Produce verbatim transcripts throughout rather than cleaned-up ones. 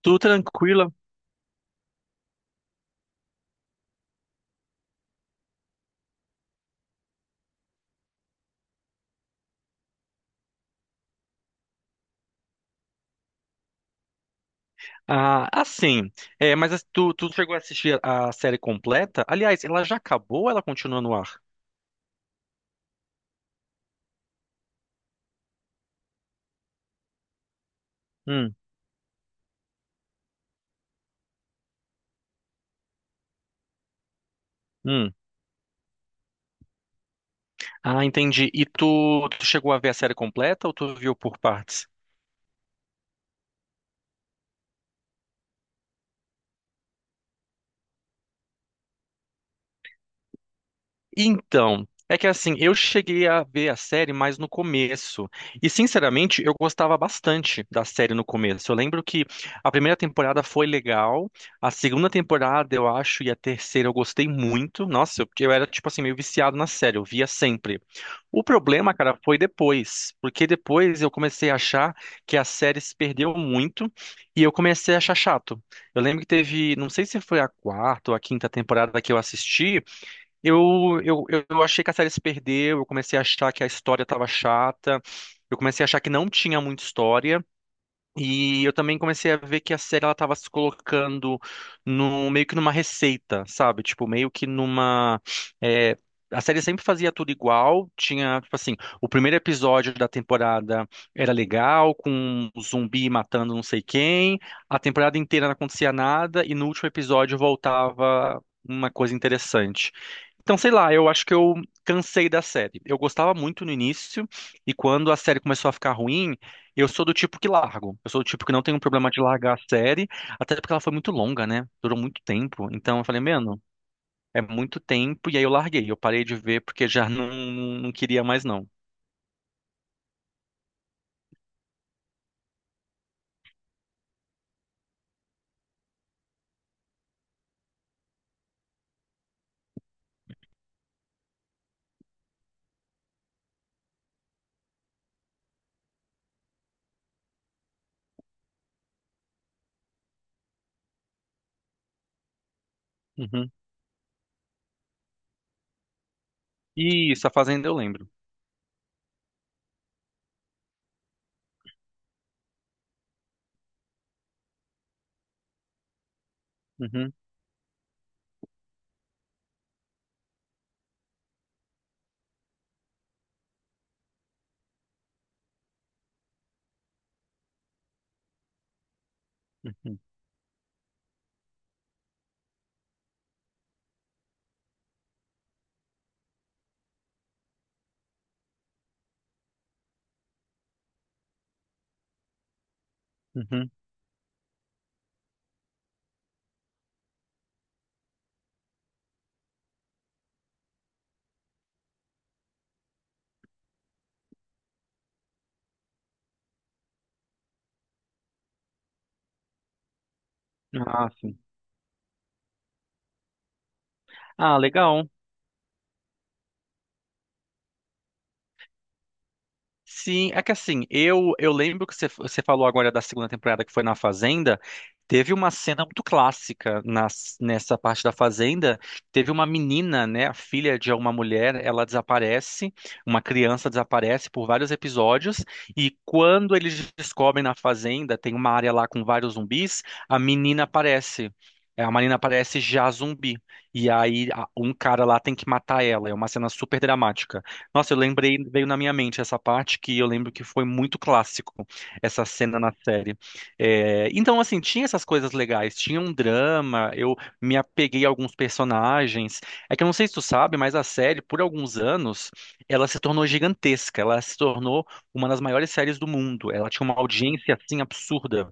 Tudo tranquila. Ah, assim, é, mas as- tu, tu chegou a assistir a série completa? Aliás, ela já acabou ou ela continua no ar? Hum, hum. Ah, entendi. E tu, tu chegou a ver a série completa ou tu viu por partes? Então, é que assim, eu cheguei a ver a série mais no começo. E sinceramente, eu gostava bastante da série no começo. Eu lembro que a primeira temporada foi legal, a segunda temporada, eu acho, e a terceira eu gostei muito. Nossa, eu- porque eu era tipo assim meio viciado na série, eu via sempre. O problema, cara, foi depois, porque depois eu comecei a achar que a série se perdeu muito e eu comecei a achar chato. Eu lembro que teve, não sei se foi a quarta ou a quinta temporada que eu assisti, eu, eu, eu achei que a série se perdeu, eu comecei a achar que a história estava chata, eu comecei a achar que não tinha muita história. E eu também comecei a ver que a série ela tava se colocando no meio que numa receita, sabe? Tipo, meio que numa é, a série sempre fazia tudo igual, tinha, tipo assim, o primeiro episódio da temporada era legal, com um zumbi matando não sei quem, a temporada inteira não acontecia nada e no último episódio voltava uma coisa interessante. Então, sei lá, eu acho que eu cansei da série. Eu gostava muito no início e quando a série começou a ficar ruim, eu sou do tipo que largo. Eu sou do tipo que não tem um problema de largar a série, até porque ela foi muito longa, né? Durou muito tempo. Então eu falei, mano, é muito tempo. E aí eu larguei. Eu parei de ver porque já não, não queria mais, não. Uhum. Isso, a Fazenda eu lembro. Uhum, uhum, uhum. Ah, sim. Ah, legal. Sim, é que assim, eu eu lembro que você, você falou agora da segunda temporada que foi na Fazenda, teve uma cena muito clássica nas, nessa parte da Fazenda, teve uma menina, né, a filha de uma mulher, ela desaparece, uma criança desaparece por vários episódios, e quando eles descobrem na Fazenda, tem uma área lá com vários zumbis, a menina aparece. É, a menina aparece já zumbi. E aí a- um cara lá tem que matar ela. É uma cena super dramática. Nossa, eu lembrei, veio na minha mente essa parte que eu lembro que foi muito clássico, essa cena na série. É, então, assim, tinha essas coisas legais, tinha um drama, eu me apeguei a alguns personagens. É que eu não sei se tu sabe, mas a série, por alguns anos, ela se tornou gigantesca, ela se tornou uma das maiores séries do mundo. Ela tinha uma audiência, assim, absurda.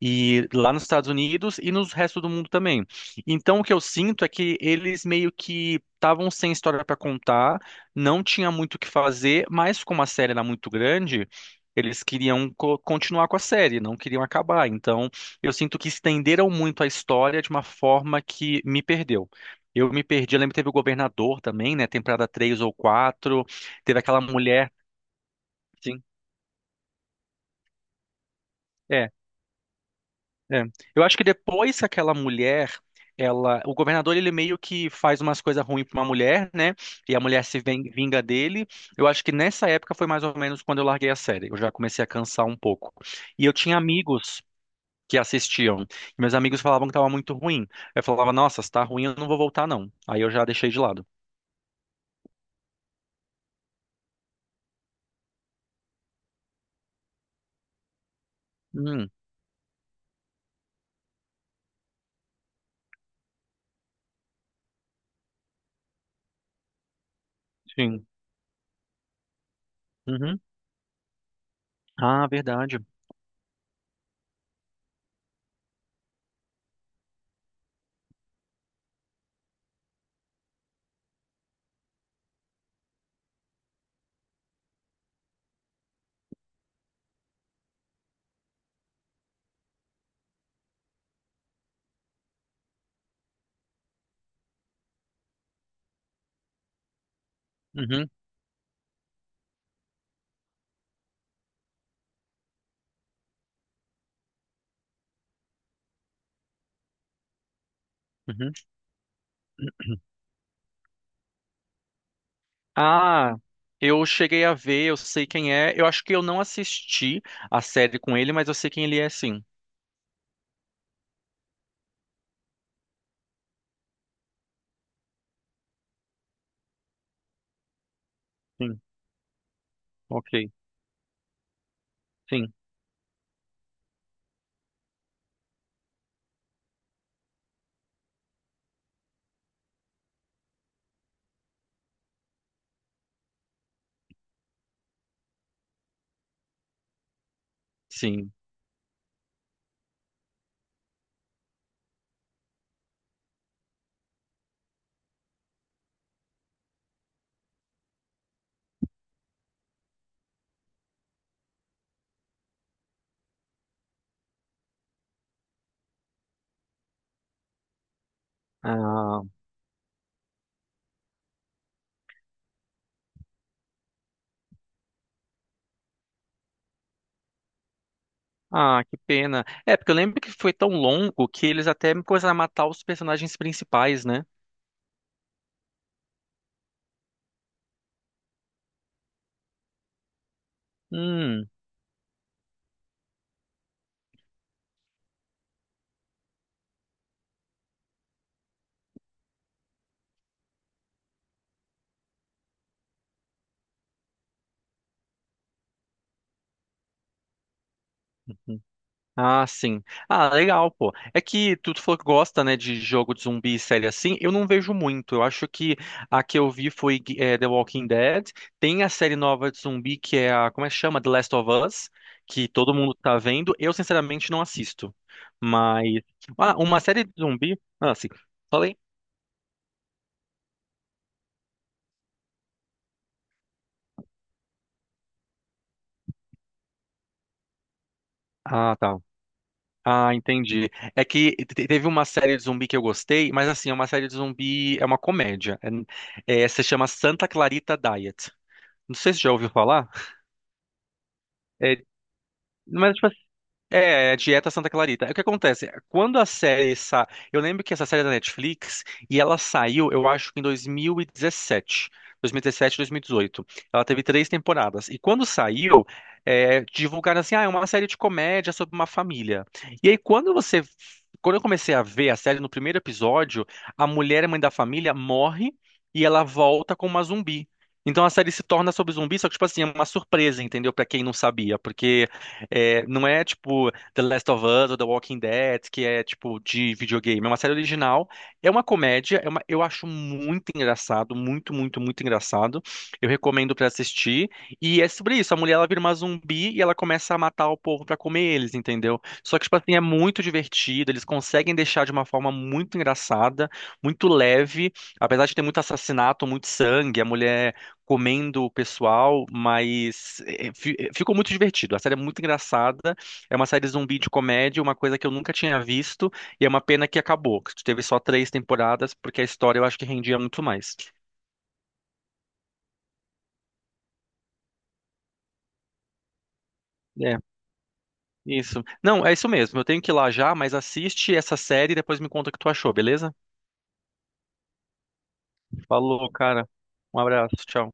E lá nos Estados Unidos e no resto do mundo também. Então, o que eu sinto é que eles meio que estavam sem história para contar, não tinha muito o que fazer, mas como a série era muito grande, eles queriam co- continuar com a série, não queriam acabar. Então, eu sinto que estenderam muito a história de uma forma que me perdeu. Eu me perdi, eu lembro que teve o Governador também, né? Temporada três ou quatro teve aquela mulher. Sim. é, É. Eu acho que depois que aquela mulher, ela, o governador ele meio que faz umas coisas ruins pra uma mulher, né? E a mulher se ven- vinga dele. Eu acho que nessa época foi mais ou menos quando eu larguei a série. Eu já comecei a cansar um pouco. E eu tinha amigos que assistiam. E meus amigos falavam que tava muito ruim. Eu falava, nossa, se tá ruim, eu não vou voltar não. Aí eu já deixei de lado. Hum, sim. Uhum. Ah, verdade. Uhum, uhum. Ah, eu cheguei a ver, eu sei quem é. Eu acho que eu não assisti a série com ele, mas eu sei quem ele é, sim. Sim, ok. Sim, sim. Ah, ah, que pena. É, porque eu lembro que foi tão longo que eles até me coisa matar os personagens principais, né? Hum. Ah, sim. Ah, legal, pô. É que tu tu falou que gosta, né, de jogo de zumbi e série assim. Eu não vejo muito. Eu acho que a que eu vi foi eh, The Walking Dead. Tem a série nova de zumbi que é a, como é que chama? The Last of Us, que todo mundo tá vendo. Eu, sinceramente, não assisto. Mas ah, uma série de zumbi. Ah, sim. Falei. Ah, tá. Ah, entendi. É que te- teve uma série de zumbi que eu gostei, mas assim, é uma série de zumbi, é uma comédia. É, é, se chama Santa Clarita Diet. Não sei se já ouviu falar. É, mas, tipo é, Dieta Santa Clarita. É. O que acontece? Quando a série sa... Eu lembro que essa série é da Netflix e ela saiu, eu acho que em dois dois dois mil mil e e mil e dois mil e dezoito. Ela teve três temporadas. E quando saiu, é, divulgaram assim, ah, é uma série de comédia sobre uma família. E aí, quando você... Quando eu comecei a ver a série, no primeiro episódio, a mulher, mãe da família, morre e ela volta como uma zumbi. Então a série se torna sobre zumbi, só que, tipo assim, é uma surpresa, entendeu? Pra quem não sabia, porque é, não é tipo The Last of Us ou The Walking Dead, que é tipo de videogame. É uma série original, é uma comédia, é uma, eu acho muito engraçado, muito, muito, muito engraçado. Eu recomendo pra assistir. E é sobre isso, a mulher ela vira uma zumbi e ela começa a matar o povo pra comer eles, entendeu? Só que tipo assim, é muito divertido, eles conseguem deixar de uma forma muito engraçada, muito leve, apesar de ter muito assassinato, muito sangue, a mulher comendo o pessoal, mas é, fi- eh, ficou muito divertido. A série é muito engraçada, é uma série zumbi de comédia, uma coisa que eu nunca tinha visto, e é uma pena que acabou, que teve só três temporadas, porque a história eu acho que rendia muito mais. É, isso. Não, é isso mesmo, eu tenho que ir lá já, mas assiste essa série e depois me conta o que tu achou, beleza? Falou, cara. Um abraço, tchau.